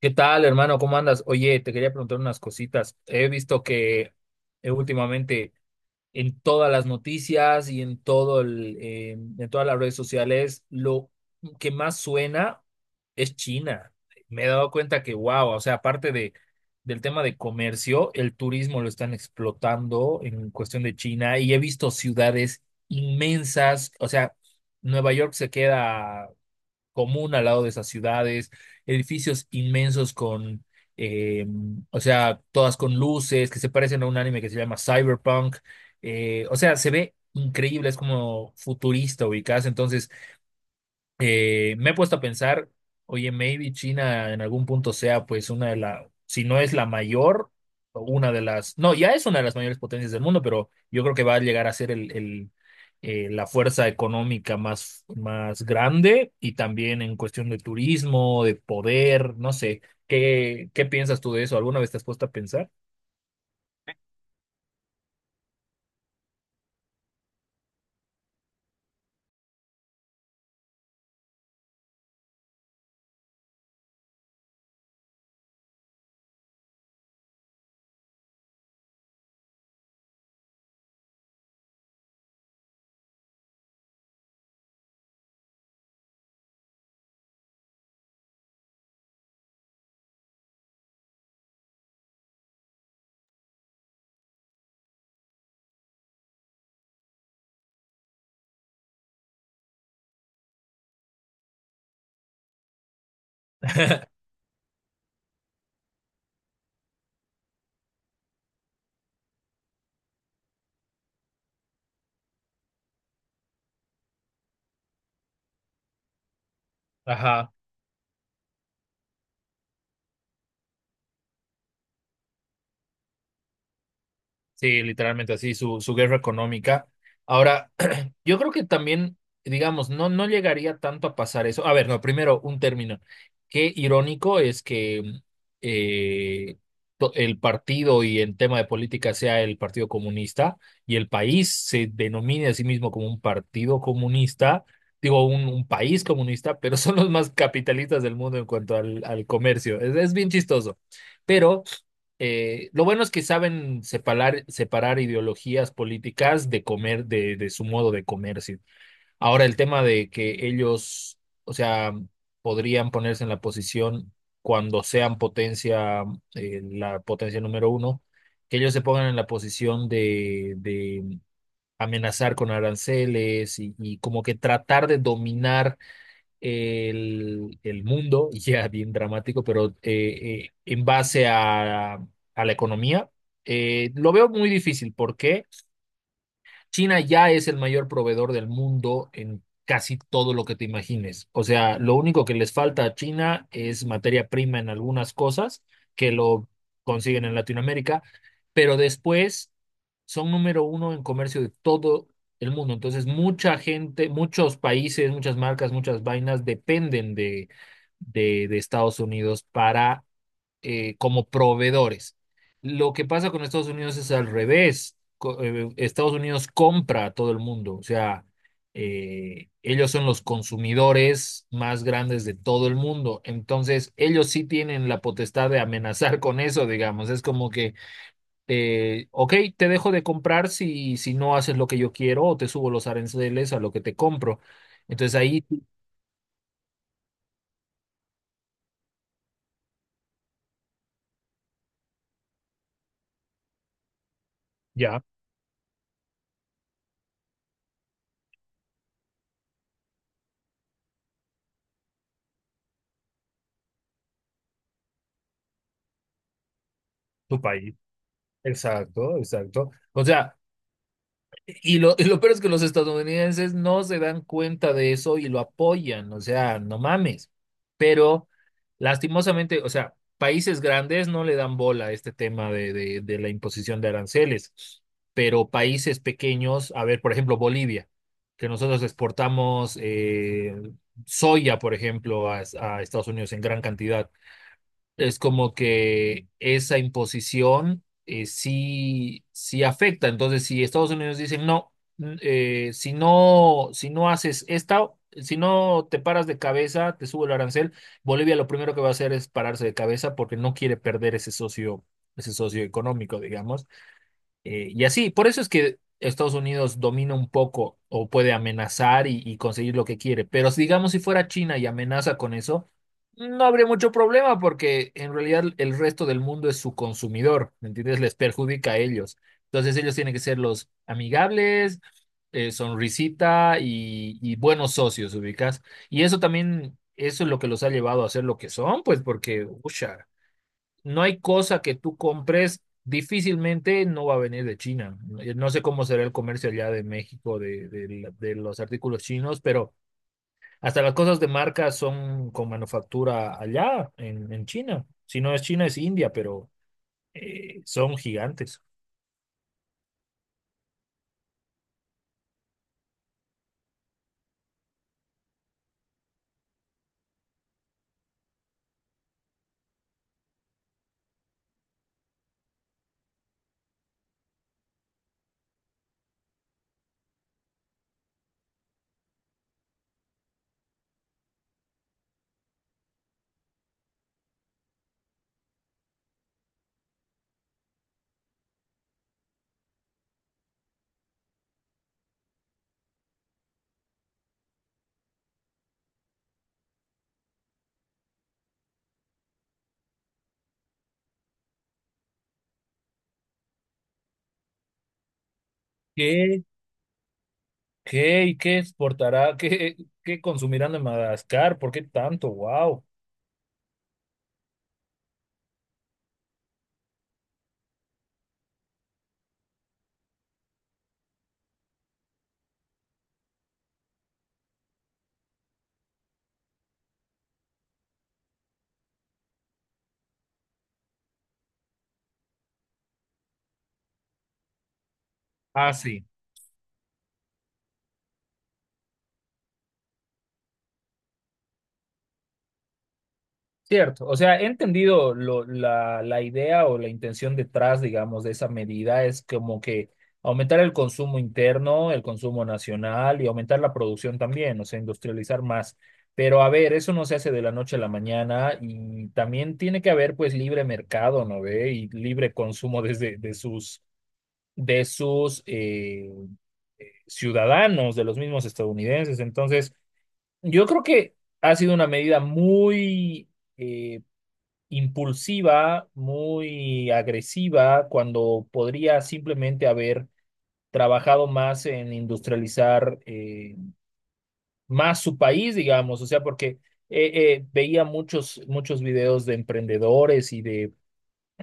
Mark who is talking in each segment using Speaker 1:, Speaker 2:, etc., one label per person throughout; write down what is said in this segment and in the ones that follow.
Speaker 1: ¿Qué tal, hermano? ¿Cómo andas? Oye, te quería preguntar unas cositas. He visto que últimamente en todas las noticias y en todo en todas las redes sociales, lo que más suena es China. Me he dado cuenta que, wow, o sea, del tema de comercio, el turismo lo están explotando en cuestión de China y he visto ciudades inmensas, o sea, Nueva York se queda común al lado de esas ciudades, edificios inmensos con, eh, o sea, todas con luces que se parecen a un anime que se llama Cyberpunk. O sea, se ve increíble, es como futurista ubicarse. Entonces, me he puesto a pensar, oye, maybe China en algún punto sea pues una de las, si no es la mayor, o una de las, no, ya es una de las mayores potencias del mundo, pero yo creo que va a llegar a ser la fuerza económica más, más grande y también en cuestión de turismo, de poder, no sé, ¿qué, qué piensas tú de eso? ¿Alguna vez te has puesto a pensar? Ajá. Sí, literalmente así, su guerra económica. Ahora, yo creo que también, digamos, no, no llegaría tanto a pasar eso. A ver, no, primero, un término. Qué irónico es que eh, el partido y en tema de política sea el Partido Comunista y el país se denomine a sí mismo como un partido comunista, digo, un país comunista, pero son los más capitalistas del mundo en cuanto al comercio. Es bien chistoso. Pero... Lo bueno es que saben separar, separar ideologías políticas de su modo de comercio. Ahora, el tema de que ellos, o sea, podrían ponerse en la posición cuando sean potencia, la potencia número uno, que ellos se pongan en la posición de amenazar con aranceles y como que tratar de dominar el mundo, ya bien dramático, pero en base a la economía, lo veo muy difícil. ¿Por qué? China ya es el mayor proveedor del mundo en casi todo lo que te imagines. O sea, lo único que les falta a China es materia prima en algunas cosas que lo consiguen en Latinoamérica, pero después son número uno en comercio de todo el mundo. Entonces, mucha gente, muchos países, muchas marcas, muchas vainas dependen de Estados Unidos para como proveedores. Lo que pasa con Estados Unidos es al revés. Estados Unidos compra a todo el mundo, o sea, ellos son los consumidores más grandes de todo el mundo. Entonces, ellos sí tienen la potestad de amenazar con eso, digamos. Es como que, ok, te dejo de comprar si, si no haces lo que yo quiero o te subo los aranceles a lo que te compro. Entonces ahí... Ya, tu país. Exacto, exacto. O sea, y lo, y lo peor es que los estadounidenses no se dan cuenta de eso y lo apoyan, o sea, no mames. Pero lastimosamente, o sea, países grandes no le dan bola a este tema de la imposición de aranceles, pero países pequeños, a ver, por ejemplo, Bolivia, que nosotros exportamos soya, por ejemplo, a Estados Unidos en gran cantidad. Es como que esa imposición sí, sí afecta. Entonces, si Estados Unidos dice, no, si no, si no haces esta, si no te paras de cabeza, te subo el arancel, Bolivia lo primero que va a hacer es pararse de cabeza porque no quiere perder ese socio económico, digamos. Y así, por eso es que Estados Unidos domina un poco o puede amenazar y conseguir lo que quiere. Pero si, digamos si fuera China y amenaza con eso, no habría mucho problema porque en realidad el resto del mundo es su consumidor, ¿me entiendes? Les perjudica a ellos. Entonces ellos tienen que ser los amigables, sonrisita y buenos socios, ubicas. Y eso también, eso es lo que los ha llevado a ser lo que son, pues porque, ucha, no hay cosa que tú compres, difícilmente no va a venir de China. No sé cómo será el comercio allá de México de los artículos chinos, pero hasta las cosas de marca son con manufactura allá en China. Si no es China, es India, pero son gigantes. ¿Qué, qué y qué exportará? ¿Qué, qué consumirán de Madagascar? ¿Por qué tanto? ¡Wow! Ah, sí. Cierto, o sea, he entendido la, la idea o la intención detrás, digamos, de esa medida es como que aumentar el consumo interno, el consumo nacional y aumentar la producción también, o sea, industrializar más. Pero a ver, eso no se hace de la noche a la mañana y también tiene que haber pues libre mercado, ¿no ve? Y libre consumo desde de sus ciudadanos, de los mismos estadounidenses. Entonces, yo creo que ha sido una medida muy... eh, impulsiva, muy agresiva, cuando podría simplemente haber trabajado más en industrializar más su país, digamos, o sea, porque veía muchos, muchos videos de emprendedores y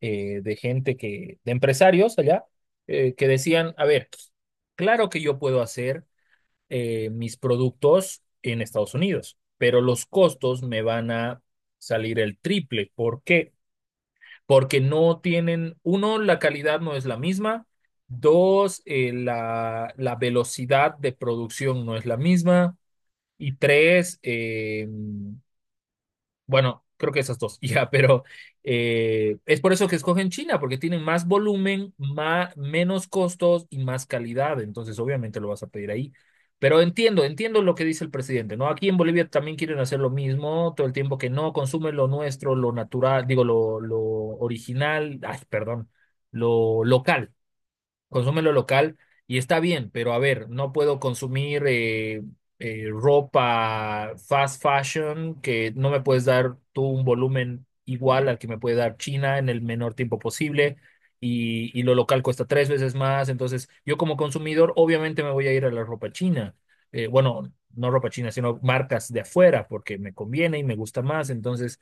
Speaker 1: de gente que, de empresarios allá, que decían, a ver, claro que yo puedo hacer mis productos en Estados Unidos, pero los costos me van a salir el triple. ¿Por qué? Porque no tienen, uno, la calidad no es la misma, dos, la, la velocidad de producción no es la misma, y tres, bueno, creo que esas dos, ya, pero es por eso que escogen China, porque tienen más volumen, más, menos costos y más calidad, entonces obviamente lo vas a pedir ahí. Pero entiendo, entiendo lo que dice el presidente, ¿no? Aquí en Bolivia también quieren hacer lo mismo, todo el tiempo que no consumen lo nuestro, lo natural, digo, lo original, ay, perdón, lo local, consume lo local y está bien, pero a ver, no puedo consumir ropa fast fashion que no me puedes dar tú un volumen igual al que me puede dar China en el menor tiempo posible y lo local cuesta tres veces más, entonces yo como consumidor obviamente me voy a ir a la ropa china. Bueno, no ropa china, sino marcas de afuera porque me conviene y me gusta más, entonces...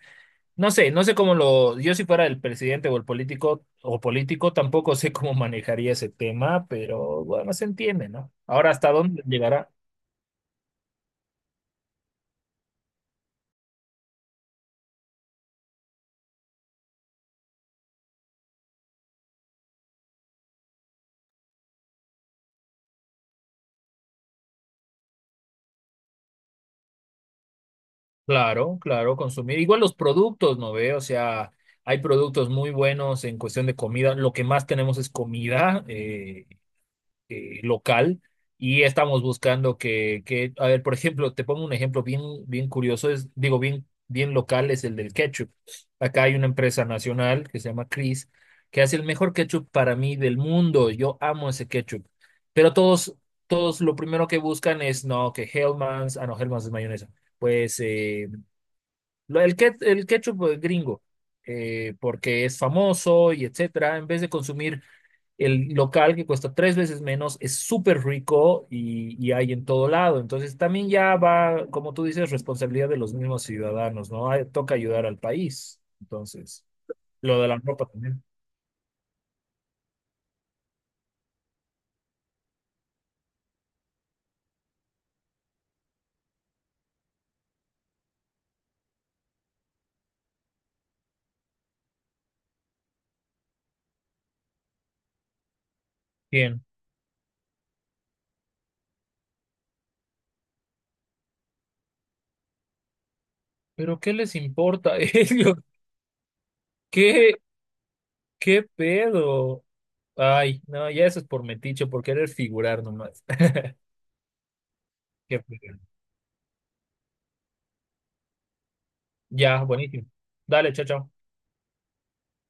Speaker 1: No sé, yo si fuera el presidente o el político o político, tampoco sé cómo manejaría ese tema, pero bueno, se entiende, ¿no? Ahora, ¿hasta dónde llegará? Claro, claro, consumir. Igual los productos, ¿no ve? O sea, hay productos muy buenos en cuestión de comida. Lo que más tenemos es comida. Local, y estamos buscando que, a ver, por ejemplo, te pongo un ejemplo bien, bien curioso, es, digo, bien, bien local, es el del ketchup. Acá hay una empresa nacional que se llama Chris, que hace el mejor ketchup para mí del mundo. Yo amo ese ketchup. Pero todos, todos lo primero que buscan es, no, que Hellmann's, ah, no, Hellmann's es mayonesa. Pues el ketchup gringo, porque es famoso y etcétera, en vez de consumir el local que cuesta tres veces menos, es súper rico y hay en todo lado. Entonces también ya va, como tú dices, responsabilidad de los mismos ciudadanos, ¿no? Ay, toca ayudar al país. Entonces, lo de la ropa también. Bien. Pero ¿qué les importa a ellos? ¿Qué, qué pedo? Ay, no, ya eso es por metiche, por querer figurar nomás. Qué pedo. Ya, buenísimo. Dale, chao, chao.